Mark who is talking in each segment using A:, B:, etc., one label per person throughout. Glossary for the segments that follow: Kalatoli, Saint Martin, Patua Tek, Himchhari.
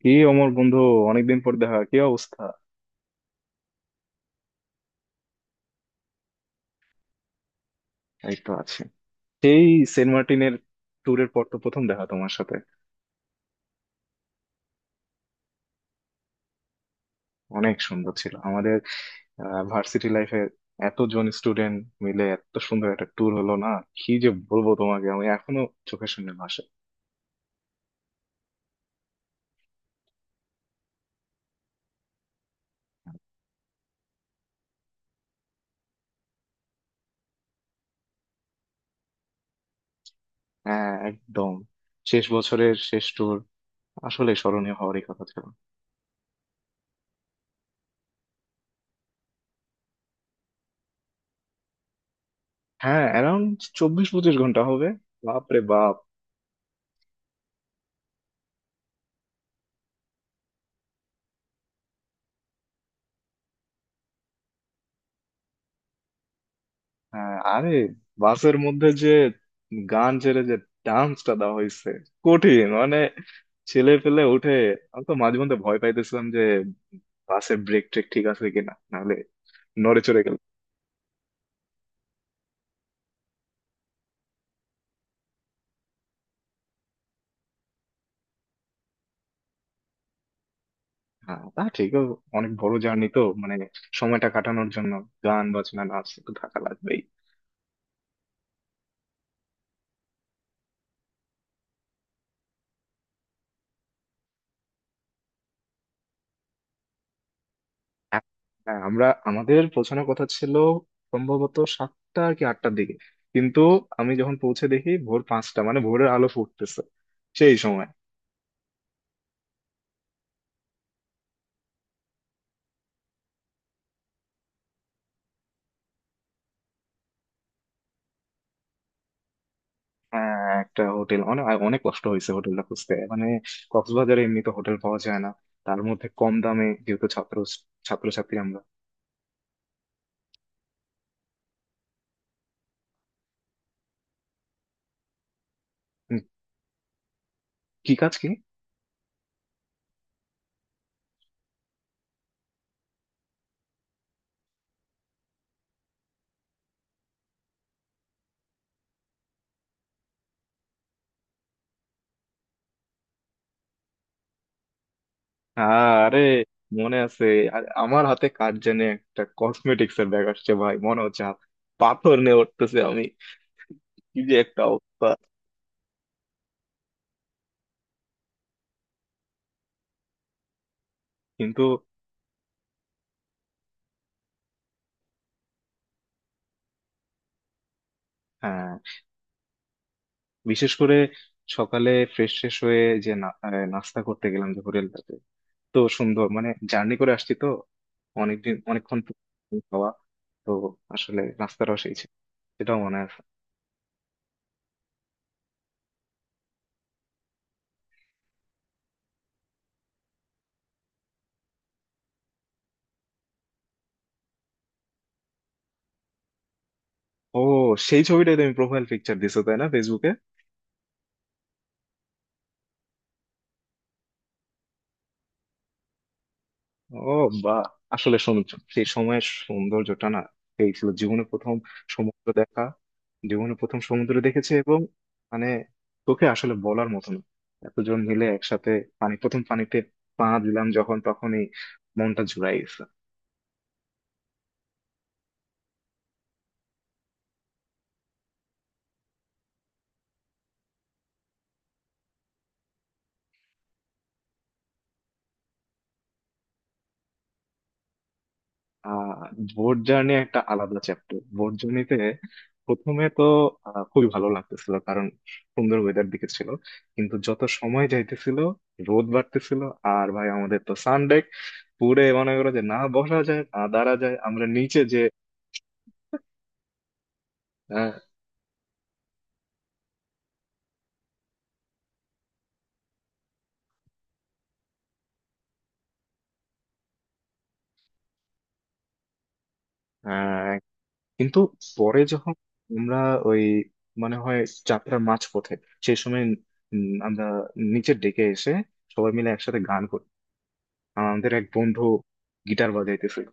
A: কি, অমর বন্ধু! অনেকদিন পর দেখা, কি অবস্থা? এই তো আছে। সেই সেন্ট মার্টিনের ট্যুরের পর তো প্রথম দেখা তোমার সাথে। অনেক সুন্দর ছিল আমাদের ভার্সিটি লাইফের, এতজন স্টুডেন্ট মিলে এত সুন্দর একটা ট্যুর হলো না। কি যে বলবো তোমাকে, আমি এখনো চোখের সামনে ভাসে। হ্যাঁ, একদম। শেষ বছরের শেষ ট্যুর আসলে স্মরণীয় হওয়ারই কথা ছিল। হ্যাঁ, অ্যারাউন্ড 24-25 ঘন্টা হবে। বাপরে বাপ! হ্যাঁ, আরে বাসের মধ্যে যে গান ছেড়ে যে ডান্সটা দেওয়া হয়েছে, কঠিন মানে! ছেলে পেলে উঠে, আমি তো মাঝে মধ্যে ভয় পাইতেছিলাম যে বাসের ব্রেক ট্রেক ঠিক আছে কিনা, নাহলে নড়ে চড়ে গেল। হ্যাঁ, তা ঠিক। ও অনেক বড় জার্নি তো, মানে সময়টা কাটানোর জন্য গান বাজনা নাচ তো থাকা লাগবেই। এক- হ্যাঁ, আমরা আমাদের পৌঁছানোর কথা ছিল সম্ভবত 7টা কি 8টার দিকে। কিন্তু আমি যখন পৌঁছে দেখি ভোর 5টা, মানে ভোরের আলো ফুটতেছে সেই সময়। হ্যাঁ, একটা হোটেল অনেক অনেক কষ্ট হয়েছে হোটেলটা খুঁজতে। মানে কক্সবাজারে এমনি তো হোটেল পাওয়া যায় না, তার মধ্যে কম দামে, যেহেতু ছাত্রছাত্রী আমরা। উম, কি কাজ কি? আরে মনে আছে! আমার হাতে কার জানে একটা কসমেটিক্স এর ব্যাগ আসছে, ভাই মনে হচ্ছে হাত পাথর নিয়ে উঠতেছে। আমি কি যে একটা অবস্থা! কিন্তু, হ্যাঁ। বিশেষ করে সকালে ফ্রেশ ফ্রেশ হয়ে যে নাস্তা করতে গেলাম যে হোটেলটাতে, তো সুন্দর। মানে জার্নি করে আসছি তো অনেকক্ষণ তো, খাওয়া তো। আসলে রাস্তাটাও সেই ছিল, সেটাও মনে আছে। ও, সেই ছবিটাই তুমি প্রোফাইল পিকচার দিছো, তাই না ফেসবুকে? ও বা, আসলে সৌন্দর্য, সেই সময়ের সৌন্দর্যটা না, সেই ছিল জীবনে প্রথম সমুদ্র দেখা। জীবনে প্রথম সমুদ্র দেখেছি এবং মানে তোকে আসলে বলার মতো না। এতজন মিলে একসাথে প্রথম পানিতে পা দিলাম যখন, তখনই মনটা জুড়াই গেছে। আহ বোট জার্নি একটা আলাদা চ্যাপ্টার। বোট জার্নিতে প্রথমে তো খুবই ভালো লাগতেছিল, কারণ সুন্দর ওয়েদার দিকে ছিল। কিন্তু যত সময় যাইতেছিল রোদ বাড়তেছিল, আর ভাই আমাদের তো সানডেক পুরে, মনে করো যে না বসা যায়, না দাঁড়া যায়, আমরা নিচে যে আহ, আহ, কিন্তু পরে যখন আমরা, ওই মনে হয় যাত্রার মাঝপথে সেই সময়, আমরা নিচে ডেকে এসে সবাই মিলে একসাথে গান করি। আমাদের এক বন্ধু গিটার বাজাইতেছিল।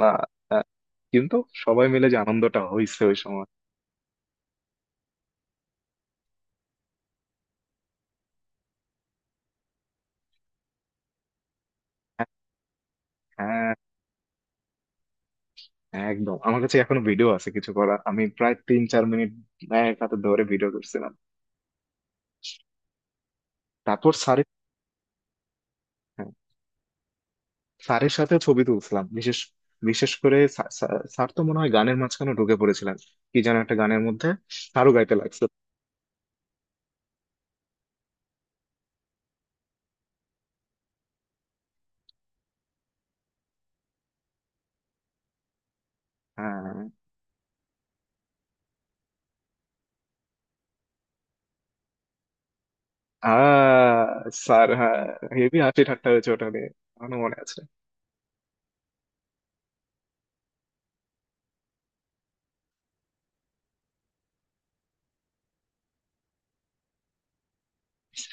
A: না, আহ, কিন্তু সবাই মিলে যে আনন্দটা হয়েছে ওই সময়! হ্যাঁ, হ্যাঁ, একদম। আমার কাছে এখনো ভিডিও আছে, কিছু করা আমি প্রায় 3-4 মিনিট এক হাতে ধরে ভিডিও করছিলাম। তারপর স্যারের, হ্যাঁ, স্যারের সাথে ছবি তুলছিলাম। বিশেষ বিশেষ করে স্যার স্যার- স্যার তো মনে হয় গানের মাঝখানে ঢুকে পড়েছিলেন, কি যেন একটা গানের মধ্যে স্যারও গাইতে লাগছে। হ্যাঁ, আহ স্যার, হ্যাঁ। হেভি হাসি ঠাট্টা হয়েছে ওটা নিয়ে, এখনো মনে আছে।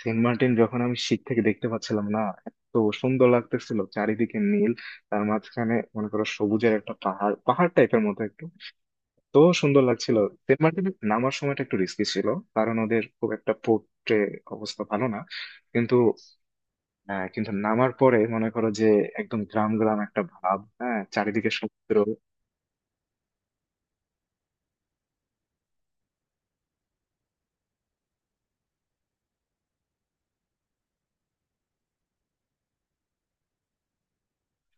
A: সেন্ট মার্টিন যখন, আমি শীত থেকে দেখতে পাচ্ছিলাম না, এত সুন্দর লাগতেছিল। চারিদিকে নীল, তার মাঝখানে মনে করো সবুজের একটা পাহাড় পাহাড় টাইপের মতো একটু, তো সুন্দর লাগছিল। সেন্ট মার্টিন নামার সময়টা একটু রিস্কি ছিল, কারণ ওদের খুব একটা পোর্টে অবস্থা ভালো না। কিন্তু কিন্তু নামার পরে মনে করো যে একদম গ্রাম গ্রাম একটা ভাব, হ্যাঁ, চারিদিকে সমুদ্র।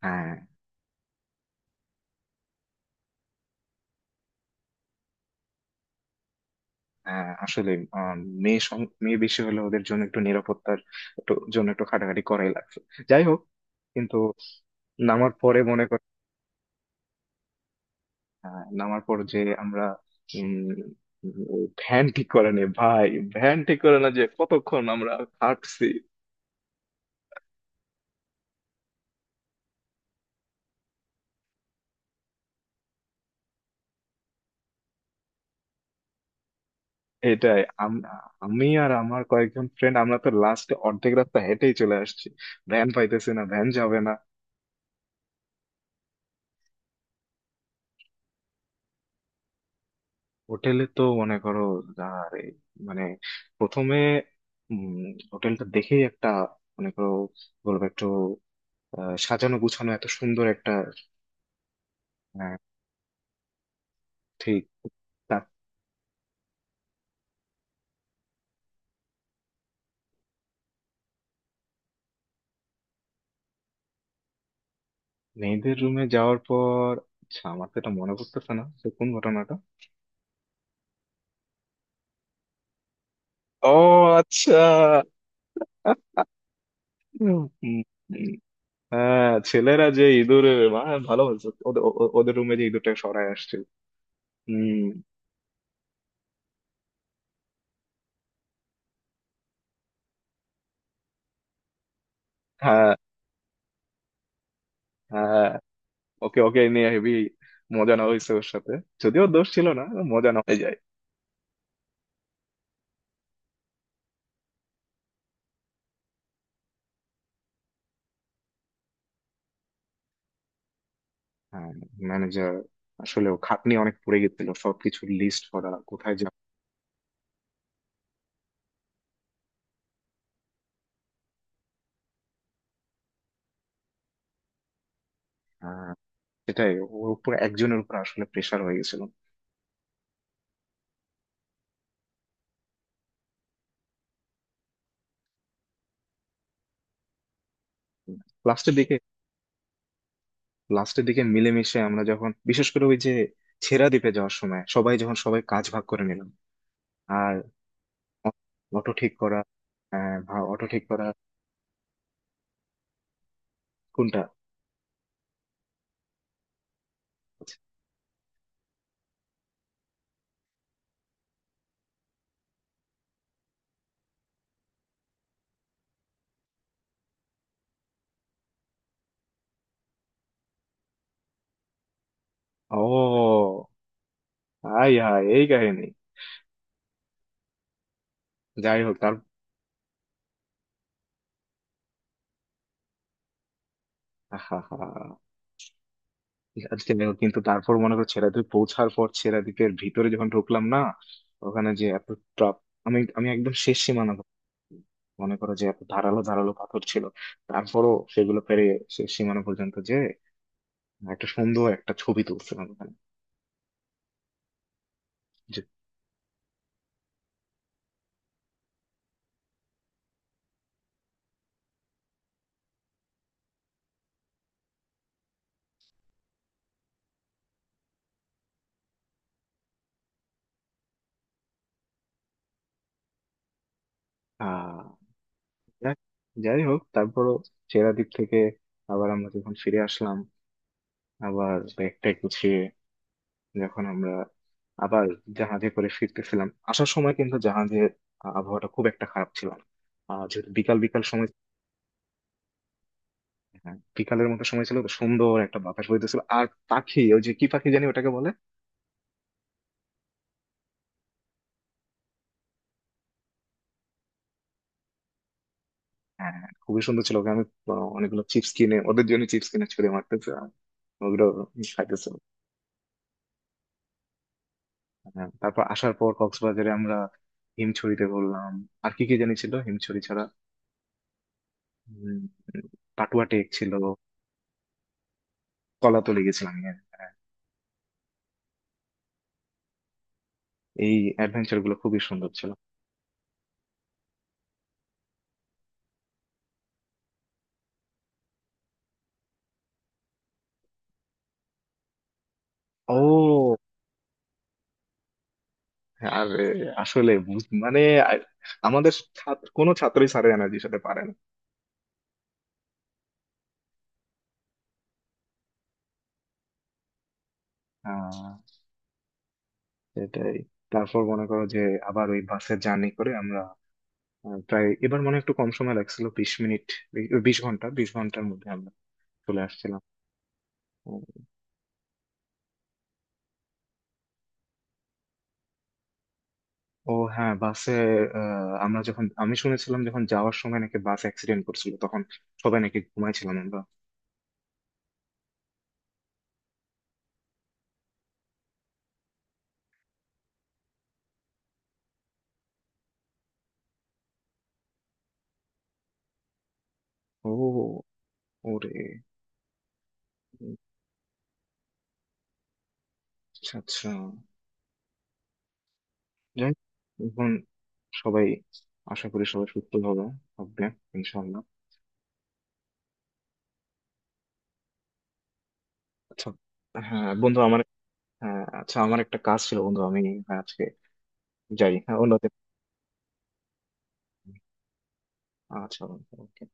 A: হ্যাঁ, হ্যাঁ, আসলে আহ, মেয়ে বেশি হলে ওদের জন্য একটু নিরাপত্তার, একটু জন্য একটু খাটাখাটি করাই লাগছে। যাই হোক, কিন্তু নামার পরে মনে কর। হ্যাঁ, নামার পর যে আমরা উম ভ্যান ঠিক করে নি, ভাই ভ্যান ঠিক করে না, যে কতক্ষণ আমরা হাঁটছি। এটাই! আমি আর আমার কয়েকজন ফ্রেন্ড, আমরা তো লাস্টে অর্ধেক রাস্তা হেঁটেই চলে আসছি, ভ্যান পাইতেছি না, ভ্যান যাবে না। হোটেলে তো মনে করো, আরে মানে প্রথমে উম হোটেলটা দেখেই একটা, মনে করো বলবো একটু সাজানো গুছানো এত সুন্দর একটা। আহ, ঠিক। মেয়েদের রুমে যাওয়ার পর? আচ্ছা, আমার তো এটা মনে পড়তেছে না যে কোন ঘটনাটা। ও, আচ্ছা। উম, উম, হ্যাঁ, ছেলেরা যে ইঁদুর, ভালো বলছো, ওদের ওদের রুমে যে ইঁদুরটা সরায় আসছে। হম। হ্যাঁ, হ্যাঁ। ওকে ওকে নিয়ে হেভি মজা নেওয়া হয়েছে ওর সাথে, যদিও ওর দোষ ছিল না। মজা নেওয়া হয়ে যায়। হ্যাঁ, ম্যানেজার আসলে, ও খাটনি অনেক পড়ে গেছিল, সবকিছু লিস্ট করা, কোথায় যাবে। হ্যাঁ, সেটাই। ওর উপর, একজনের উপর আসলে প্রেশার হয়ে গেছিল। লাস্টের দিকে লাস্টের দিকে মিলেমিশে আমরা যখন, বিশেষ করে ওই যে ছেড়া দ্বীপে যাওয়ার সময় সবাই যখন সবাই কাজ ভাগ করে নিলাম, আর অটো ঠিক করা। হ্যাঁ, অটো ঠিক করা। কোনটা? ও আই হাই, এই কাহিনী! যাই হোক তার, হা হা। আজকে দেখো, কিন্তু তারপর মনে করো ছেড়া দ্বীপ পৌঁছার পর, ছেড়া দ্বীপের ভিতরে যখন ঢুকলাম না, ওখানে যে এত ট্রাপ! আমি আমি একদম শেষ সীমানা। মনে করো যে এত ধারালো ধারালো পাথর ছিল, তারপরও সেগুলো পেরে শেষ সীমানা পর্যন্ত যে একটা সুন্দর একটা ছবি তুলছিলাম ওখানে যে আহ যাক, যাই হোক। তারপরও সেরাদ্বীপ থেকে আবার আমরা যখন ফিরে আসলাম, আবার ব্যাগটা গুছিয়ে যখন আমরা আবার জাহাজে করে ফিরতেছিলাম, আসার সময় কিন্তু জাহাজের আবহাওয়াটা খুব একটা খারাপ ছিল না, যেহেতু বিকাল বিকাল সময়। হ্যাঁ, বিকালের মতো সময় ছিল তো, সুন্দর একটা বাতাস বইতেছিল আর পাখি, ওই যে কি পাখি জানি ওটাকে বলে। হ্যাঁ, হ্যাঁ, খুবই সুন্দর ছিল। ওকে আমি অনেকগুলো চিপস কিনে, ওদের জন্য চিপস কিনে ছুঁড়ে মারতেছিলাম, ওগুলো খাইতেছিল। হ্যাঁ, তারপর আসার পর কক্সবাজারে আমরা হিমছড়িতে ঘুরলাম, আর কি কি জানি ছিল হিমছড়ি ছাড়া, উম, পাটুয়া টেক ছিল, কলাতলি গেছিলাম, হ্যাঁ, হ্যাঁ। এই অ্যাডভেঞ্চার গুলো খুবই সুন্দর ছিল। ও হ্যাঁ, আর এ, আসলে মানে আ- আমাদের কোনো ছাত্রই স্যারের এনার্জির সাথে পারে না। আহ, সেটাই। তারপর মনে করো যে আবার ওই বাসে জার্নি করে আমরা, প্রায় এবার মনে হয় একটু কম সময় লাগছিল, 20 মিনিট, 20 ঘন্টা, 20 ঘন্টার মধ্যে আমরা চলে আসছিলাম। ও হ্যাঁ, বাসে আমরা যখন আমি শুনেছিলাম যখন যাওয়ার সময় নাকি বাস অ্যাক্সিডেন্ট করছিল, তখন সবাই নাকি ঘুমাইছিলাম আমরা। ও, ওরে! আচ্ছা, আচ্ছা। যাই হোক, এখন সবাই, আশা করি সবাই সুস্থ হবে, হবে ইনশাল্লাহ। আচ্ছা, হ্যাঁ বন্ধু আমার, হ্যাঁ আচ্ছা। আমার একটা কাজ ছিল বন্ধু, আমি আজকে যাই, হ্যাঁ অন্যদিন। আচ্ছা বন্ধু, okay.